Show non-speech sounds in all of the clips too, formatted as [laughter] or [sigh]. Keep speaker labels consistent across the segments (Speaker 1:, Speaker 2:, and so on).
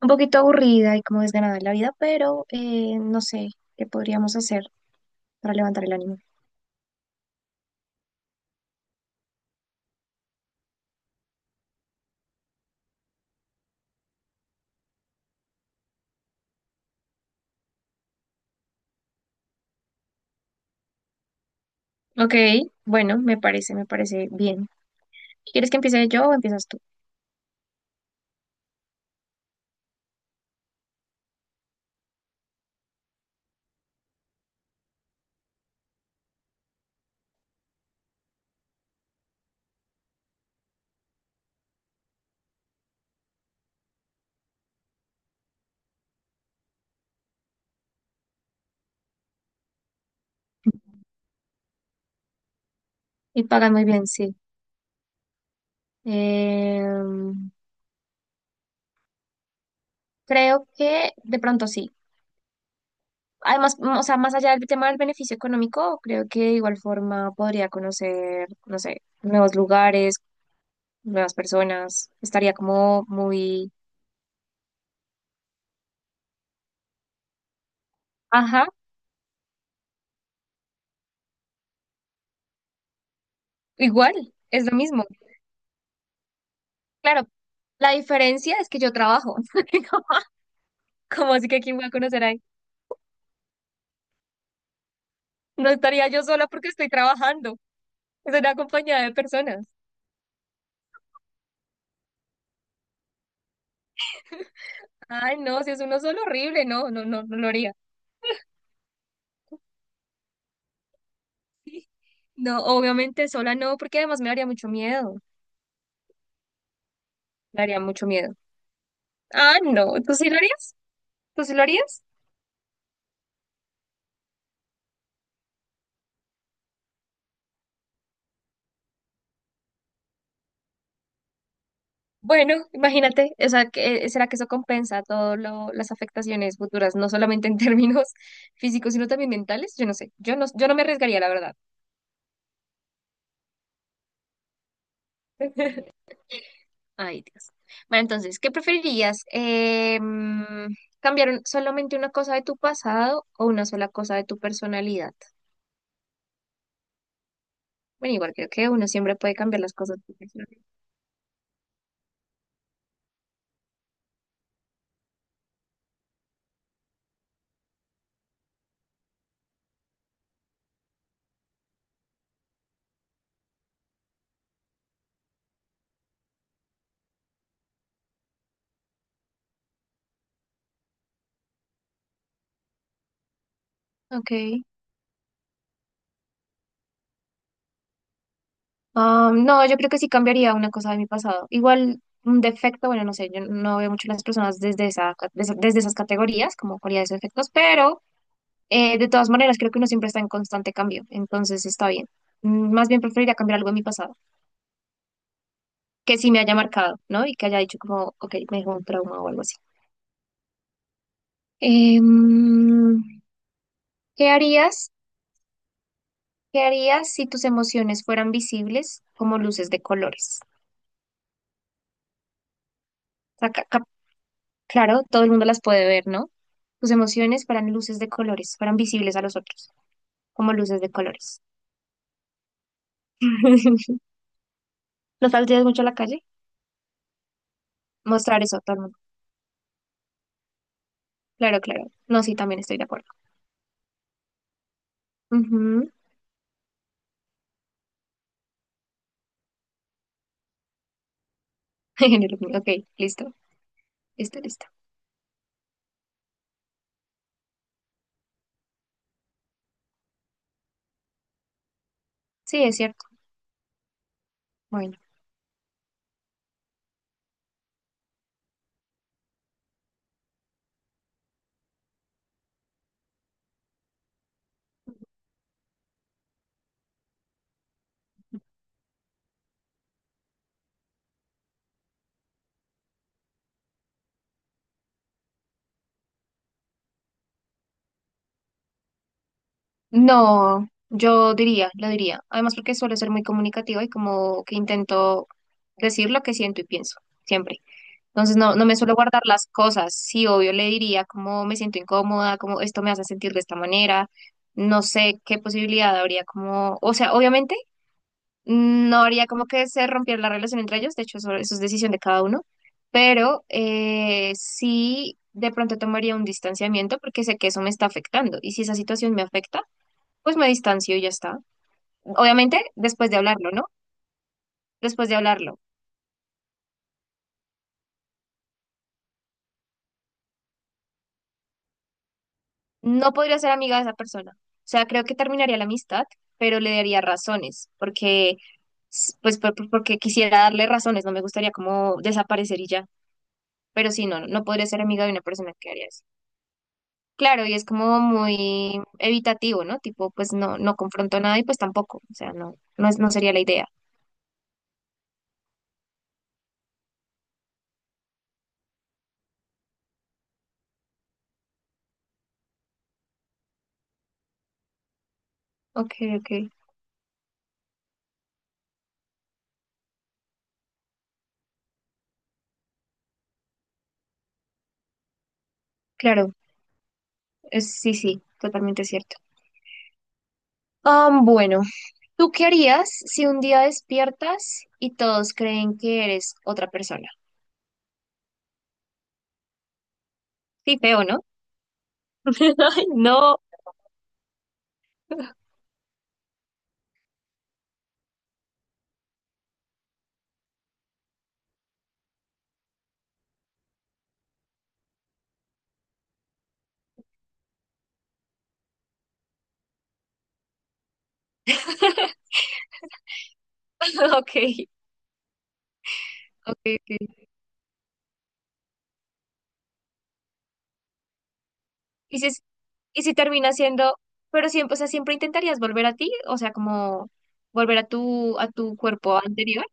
Speaker 1: Un poquito aburrida y como desganada en la vida, pero no sé qué podríamos hacer para levantar el ánimo. Ok, bueno, me parece bien. ¿Quieres que empiece yo o empiezas tú? Y pagas muy bien, sí. Em, Creo que de pronto sí. Además, o sea, más allá del tema del beneficio económico, creo que de igual forma podría conocer, no sé, nuevos lugares, nuevas personas. Estaría como muy, ajá, igual, es lo mismo. Claro, la diferencia es que yo trabajo. [laughs] Como ¿cómo así que quién va a conocer ahí? No estaría yo sola porque estoy trabajando. Es una compañía de personas. Ay, no, si es uno solo, horrible. No, no, no, no lo haría. No, obviamente sola no, porque además me daría mucho miedo. Me daría mucho miedo. Ah, no, ¿tú sí lo harías? ¿Tú sí lo harías? Bueno, imagínate, o sea, ¿será que eso compensa todas las afectaciones futuras, no solamente en términos [laughs] físicos, sino también mentales? Yo no sé, yo no me arriesgaría, la verdad. Ay, Dios. Bueno, entonces, ¿qué preferirías? ¿Cambiar solamente una cosa de tu pasado o una sola cosa de tu personalidad? Bueno, igual creo que uno siempre puede cambiar las cosas de tu personalidad. Ok. Ah, no, yo creo que sí cambiaría una cosa de mi pasado. Igual un defecto, bueno, no sé, yo no veo mucho a las personas desde desde esas categorías, como cualidades o defectos, pero de todas maneras creo que uno siempre está en constante cambio, entonces está bien. Más bien preferiría cambiar algo de mi pasado, que sí me haya marcado, ¿no? Y que haya dicho como, ok, me dejó un trauma o algo así. Em, ¿Qué harías? ¿Qué harías si tus emociones fueran visibles como luces de colores? O sea, claro, todo el mundo las puede ver, ¿no? Tus emociones fueran luces de colores, fueran visibles a los otros, como luces de colores. [laughs] ¿No saldrías mucho a la calle? Mostrar eso a todo el mundo. Claro, claro. No, sí, también estoy de acuerdo. Ujú. [laughs] Género mío. Ok, listo, listo, listo. Sí, es cierto. Bueno. No, yo diría, lo diría. Además, porque suelo ser muy comunicativa y como que intento decir lo que siento y pienso, siempre. Entonces, no, no me suelo guardar las cosas. Sí, obvio, le diría como me siento incómoda, como esto me hace sentir de esta manera. No sé qué posibilidad habría como, o sea, obviamente no habría como que se rompiera la relación entre ellos. De hecho, eso es decisión de cada uno. Pero sí, de pronto tomaría un distanciamiento porque sé que eso me está afectando. Y si esa situación me afecta, pues me distancio y ya está. Obviamente, después de hablarlo, ¿no? Después de hablarlo. No podría ser amiga de esa persona. O sea, creo que terminaría la amistad, pero le daría razones, porque, s- pues, por- porque quisiera darle razones, no me gustaría como desaparecer y ya. Pero sí, no, no podría ser amiga de una persona que haría eso. Claro, y es como muy evitativo, ¿no? Tipo, pues no, no confronto nada y pues tampoco. O sea, no sería la idea. Ok, ok. Claro, es, sí, sí, totalmente cierto. Ah, bueno. ¿Tú qué harías si un día despiertas y todos creen que eres otra persona? Sí, feo, ¿no? [laughs] Ay, no. [laughs] Ok, ok, ok. ¿Y si, es- ¿y si termina siendo, pero siempre, o sea, siempre intentarías volver a ti, o sea, como volver a a tu cuerpo anterior?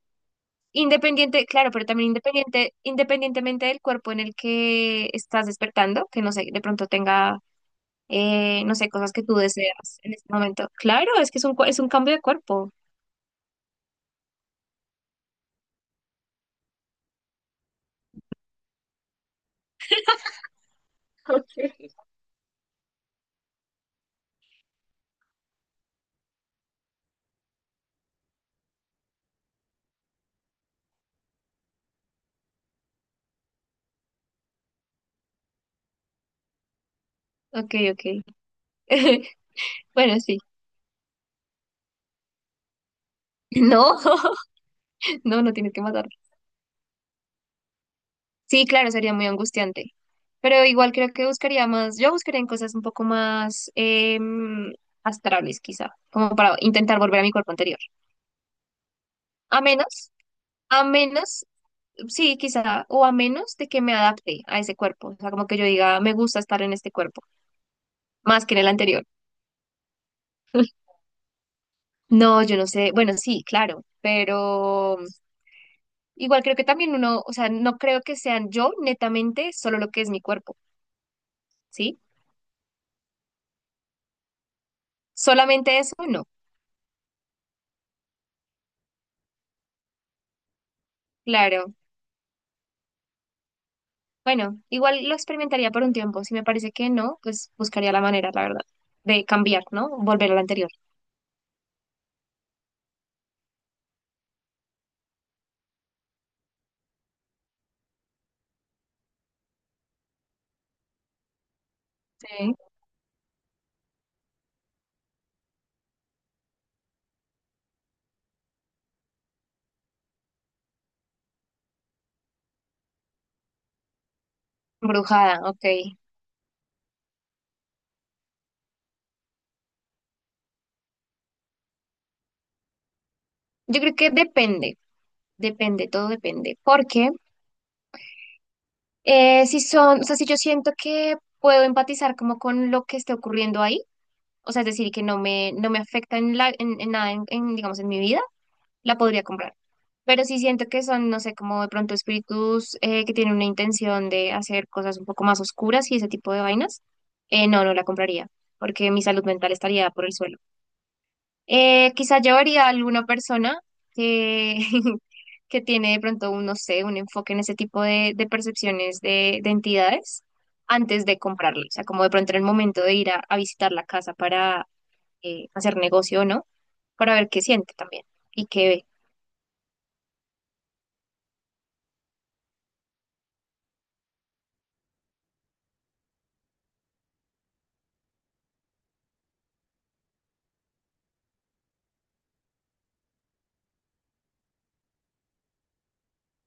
Speaker 1: Independiente, claro, pero también independientemente del cuerpo en el que estás despertando, que no sé, de pronto tenga, no sé, cosas que tú deseas en este momento. Claro, es que es un, es un cambio de cuerpo. Ok, ok. [laughs] Bueno, sí. No, [laughs] no, no tienes que matarlo. Sí, claro, sería muy angustiante. Pero igual creo que buscaría más, yo buscaría en cosas un poco más astrales, quizá, como para intentar volver a mi cuerpo anterior. A menos, a menos, sí, quizá, o a menos de que me adapte a ese cuerpo. O sea, como que yo diga, me gusta estar en este cuerpo, más que en el anterior. [laughs] No, yo no sé. Bueno, sí, claro, pero igual creo que también uno, o sea, no creo que sean yo netamente solo lo que es mi cuerpo, ¿sí? Solamente eso, no, claro. Bueno, igual lo experimentaría por un tiempo. Si me parece que no, pues buscaría la manera, la verdad, de cambiar, ¿no? Volver a la anterior. Sí. Brujada, ok. Yo creo que depende, depende, todo depende. Porque si son, o sea, si yo siento que puedo empatizar como con lo que esté ocurriendo ahí, o sea, es decir, que no me afecta en en nada, digamos, en mi vida, la podría comprar. Pero sí siento que son, no sé, como de pronto espíritus que tienen una intención de hacer cosas un poco más oscuras y ese tipo de vainas. No, no la compraría, porque mi salud mental estaría por el suelo. Quizá llevaría a alguna persona que, [laughs] que tiene de pronto un, no sé, un enfoque en ese tipo de percepciones de entidades antes de comprarlo. O sea, como de pronto en el momento de ir a visitar la casa para hacer negocio o no, para ver qué siente también y qué ve.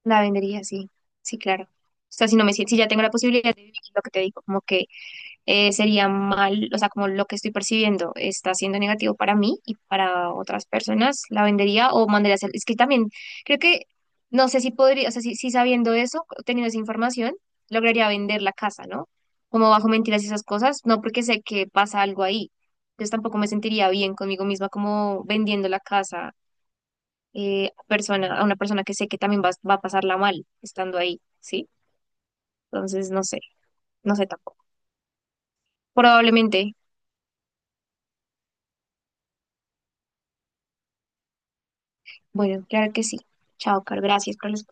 Speaker 1: La vendería, sí, sí, claro. O sea, si no me siento, si ya tengo la posibilidad de vivir lo que te digo, como que sería mal, o sea, como lo que estoy percibiendo está siendo negativo para mí y para otras personas, la vendería o mandaría a hacer. Es que también creo que, no sé si podría, o sea, si sabiendo eso, teniendo esa información, lograría vender la casa, ¿no? Como bajo mentiras y esas cosas, no porque sé que pasa algo ahí. Entonces tampoco me sentiría bien conmigo misma como vendiendo la casa a una persona que sé que también va a pasarla mal estando ahí, ¿sí? Entonces, no sé, no sé tampoco. Probablemente, bueno, claro que sí. Chao, Carl, gracias por los